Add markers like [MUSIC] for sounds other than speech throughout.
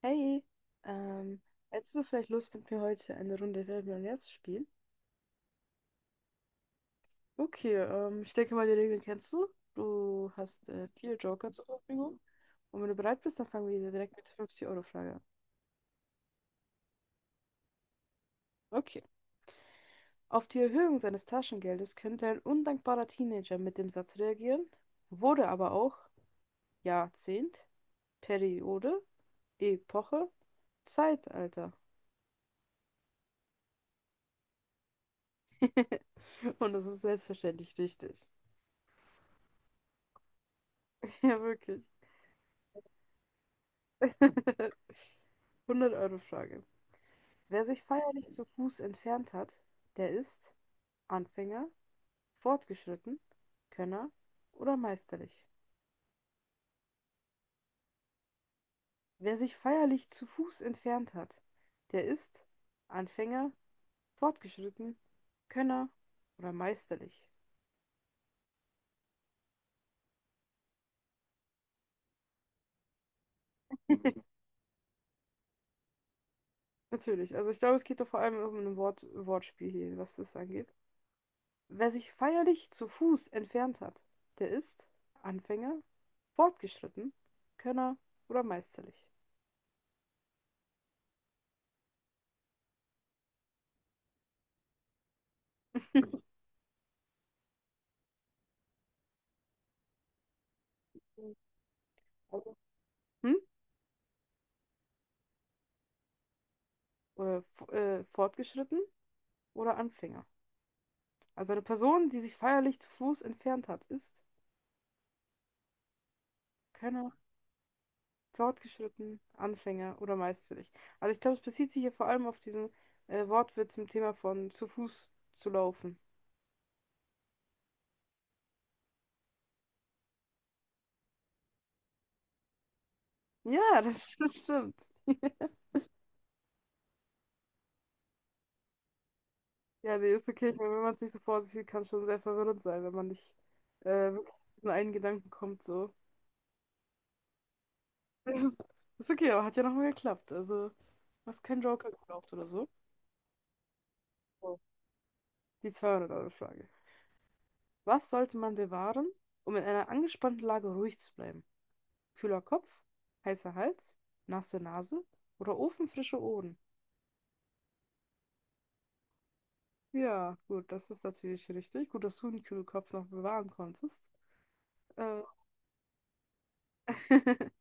Hey, ähm, hättest du vielleicht Lust, mit mir heute eine Runde Wer wird Millionär zu spielen? Okay, ich denke mal, die Regeln kennst du. Du hast vier Joker zur Verfügung. Und wenn du bereit bist, dann fangen wir direkt mit der 50-Euro-Frage an. Okay. Auf die Erhöhung seines Taschengeldes könnte ein undankbarer Teenager mit dem Satz reagieren, wurde aber auch Jahrzehnt, Periode, Epoche, Zeitalter. [LAUGHS] Und das ist selbstverständlich richtig. Ja, wirklich. [LAUGHS] 100 Euro Frage. Wer sich feierlich zu Fuß entfernt hat, der ist Anfänger, fortgeschritten, Könner oder meisterlich. Wer sich feierlich zu Fuß entfernt hat, der ist Anfänger, fortgeschritten, Könner oder meisterlich. Natürlich, also ich glaube, es geht doch vor allem um ein Wort Wortspiel hier, was das angeht. Wer sich feierlich zu Fuß entfernt hat, der ist Anfänger, fortgeschritten, Könner oder meisterlich. [LAUGHS] Also, hm? Oder fortgeschritten oder Anfänger. Also eine Person, die sich feierlich zu Fuß entfernt hat, ist Könner, fortgeschritten, Anfänger oder meisterlich. Also ich glaube, es bezieht sich hier vor allem auf diesen Wortwitz zum Thema von zu Fuß zu laufen. Ja, das, [LAUGHS] das stimmt. Ja, nee, ist okay. Ich meine, wenn man es nicht so vor sich sieht, kann es schon sehr verwirrend sein, wenn man nicht wirklich in einen Gedanken kommt, so. [LAUGHS] Das ist, ist okay, aber hat ja nochmal geklappt. Also, du hast keinen Joker gebraucht oder so. Die 200-Euro-Frage. Was sollte man bewahren, um in einer angespannten Lage ruhig zu bleiben? Kühler Kopf, heißer Hals, nasse Nase oder ofenfrische Ohren? Ja, gut, das ist natürlich richtig. Gut, dass du den kühlen Kopf noch bewahren konntest. Äh, [LAUGHS]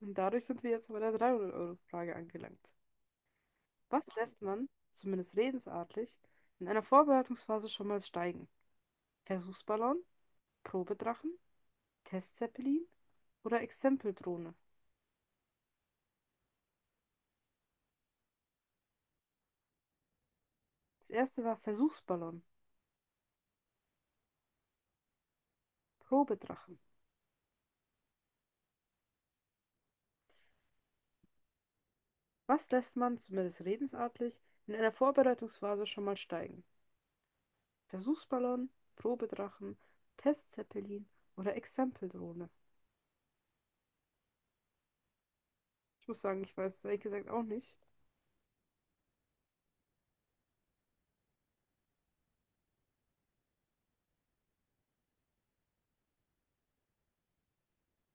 Und dadurch sind wir jetzt bei der 300-Euro-Frage angelangt. Was lässt man, zumindest redensartlich, in einer Vorbereitungsphase schon mal steigen? Versuchsballon, Probedrachen, Testzeppelin oder Exempeldrohne? Das erste war Versuchsballon, Probedrachen. Was lässt man, zumindest redensartlich, in einer Vorbereitungsphase schon mal steigen? Versuchsballon, Probedrachen, Testzeppelin oder Exempeldrohne? Ich muss sagen, ich weiß es ehrlich gesagt auch nicht.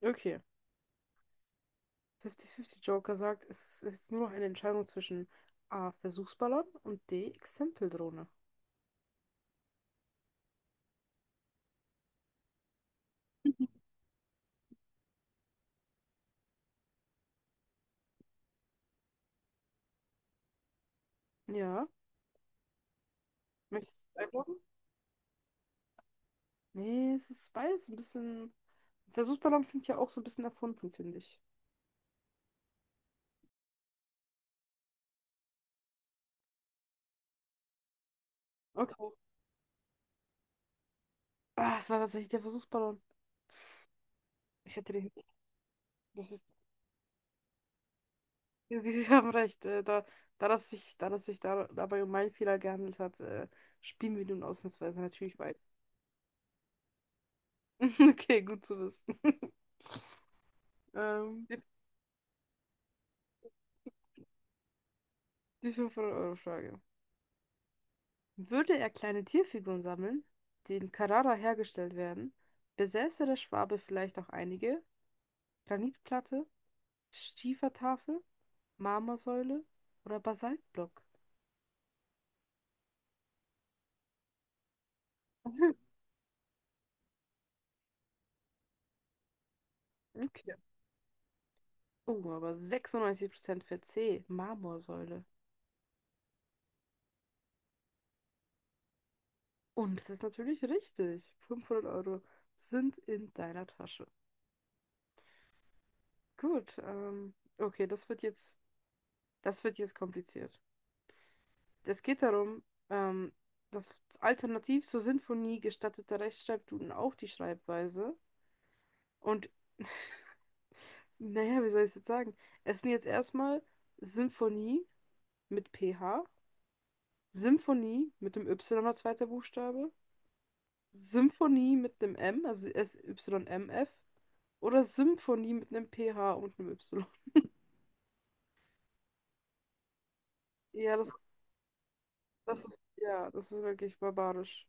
Okay. 50-50 Joker sagt, es ist jetzt nur noch eine Entscheidung zwischen A. Versuchsballon und D. Exempeldrohne. Ja. Möchtest du es einloggen? Nee, es ist beides ein bisschen. Versuchsballon klingt ja auch so ein bisschen erfunden, finde ich. Okay. Ah, es war tatsächlich der Versuchsballon. Ich hätte den, das ist, [LAUGHS] Sie haben recht, da das sich, da das sich da, dabei um meinen Fehler gehandelt hat, spielen wir nun ausnahmsweise natürlich weiter. [LAUGHS] Okay, gut zu wissen. [LAUGHS] Ähm, die, die 500-Euro-Frage. Würde er kleine Tierfiguren sammeln, die in Carrara hergestellt werden, besäße der Schwabe vielleicht auch einige? Granitplatte, Schiefertafel, Marmorsäule oder Basaltblock? [LAUGHS] Okay. Oh, aber 96% für C, Marmorsäule. Und es ist natürlich richtig. 500 Euro sind in deiner Tasche. Gut, okay, das wird jetzt kompliziert. Es geht darum, ähm, dass alternativ zur Sinfonie gestattete Rechtschreibduden auch die Schreibweise. Und [LAUGHS] naja, wie soll ich es jetzt sagen? Es sind jetzt erstmal Symphonie mit PH, Symphonie mit dem Y als zweiter Buchstabe, Symphonie mit dem M, also SYMF, oder Symphonie mit einem P H und einem Y. Ja, das ist, ja, das ist wirklich barbarisch.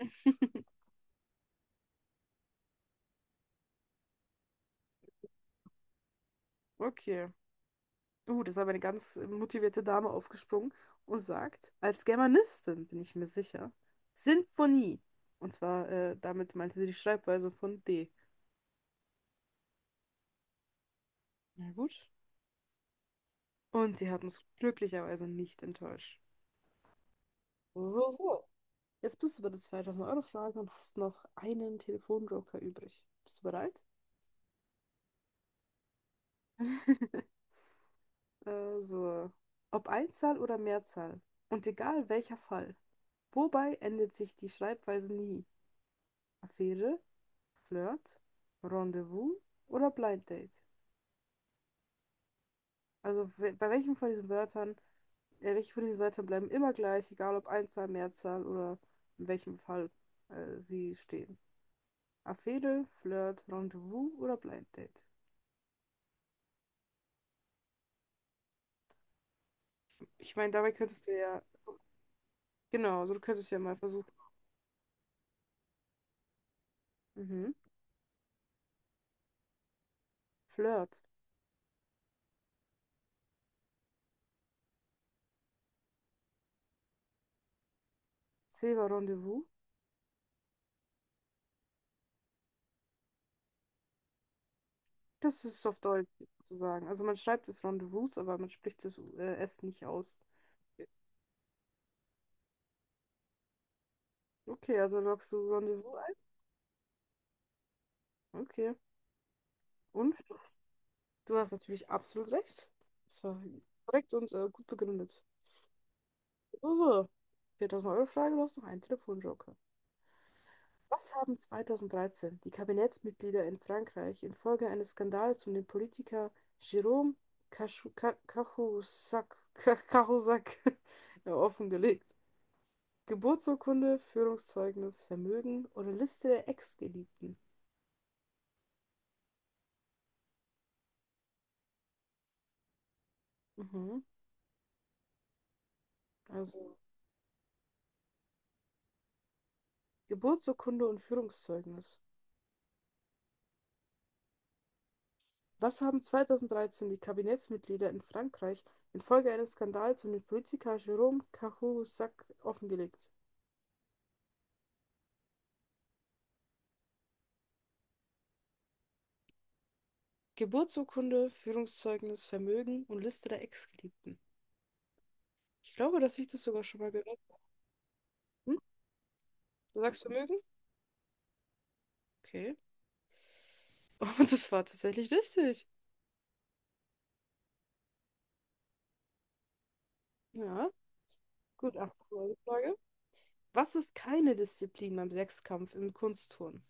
[LAUGHS] Okay. Das ist aber eine ganz motivierte Dame aufgesprungen und sagt, als Germanistin bin ich mir sicher, Sinfonie. Und zwar, damit meinte sie die Schreibweise von D. Na gut. Und sie hat uns glücklicherweise nicht enttäuscht. So, so, so. Jetzt bist du bei der 2000-Euro-Frage und hast noch einen Telefonjoker übrig. Bist du bereit? [LAUGHS] So. Ob Einzahl oder Mehrzahl. Und egal welcher Fall. Wobei ändert sich die Schreibweise nie? Affäre, Flirt, Rendezvous oder Blind Date? Also bei welchem von diesen Wörtern, welche von diesen Wörtern bleiben immer gleich, egal ob Einzahl, Mehrzahl oder in welchem Fall sie stehen? Affäre, Flirt, Rendezvous oder Blind Date? Ich meine, dabei könntest du ja, genau, also du könntest ja mal versuchen. Mhm. Flirt. C'est un rendezvous. Das ist auf Deutsch sozusagen. Also man schreibt es Rendezvous, aber man spricht es S nicht aus. Okay, also loggst du Rendezvous ein? Okay. Und du hast natürlich absolut recht. Das war korrekt und gut begründet. So, so. 4000-Euro-Frage, du hast noch einen Telefonjoker. Was haben 2013 die Kabinettsmitglieder in Frankreich infolge eines Skandals um den Politiker Jérôme Cahusac [LAUGHS] [LAUGHS] offengelegt? Geburtsurkunde, Führungszeugnis, Vermögen oder Liste der Ex-Geliebten. Mhm. Also Geburtsurkunde und Führungszeugnis. Was haben 2013 die Kabinettsmitglieder in Frankreich infolge eines Skandals um den Politiker Jérôme Cahuzac offengelegt? Geburtsurkunde, Führungszeugnis, Vermögen und Liste der Ex-Geliebten. Ich glaube, dass ich das sogar schon mal gehört habe. Hm? Du sagst Vermögen? Okay. [LAUGHS] Und das war tatsächlich richtig. Ja, gut, ach, neue Frage. Was ist keine Disziplin beim Sechskampf im Kunstturnen?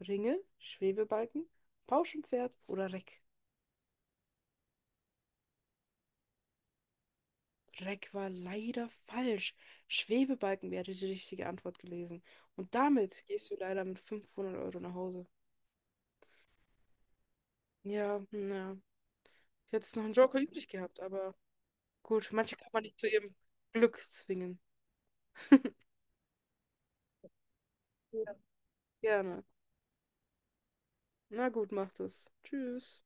Ringe, Schwebebalken, Pauschenpferd oder Reck? Reck war leider falsch. Schwebebalken wäre die richtige Antwort gewesen. Und damit gehst du leider mit 500 Euro nach Hause. Ja, ja. Ich hätte jetzt noch einen Joker übrig gehabt, aber gut, manche kann man nicht zu ihrem Glück zwingen. Ja. Gerne. Na gut, macht es. Tschüss.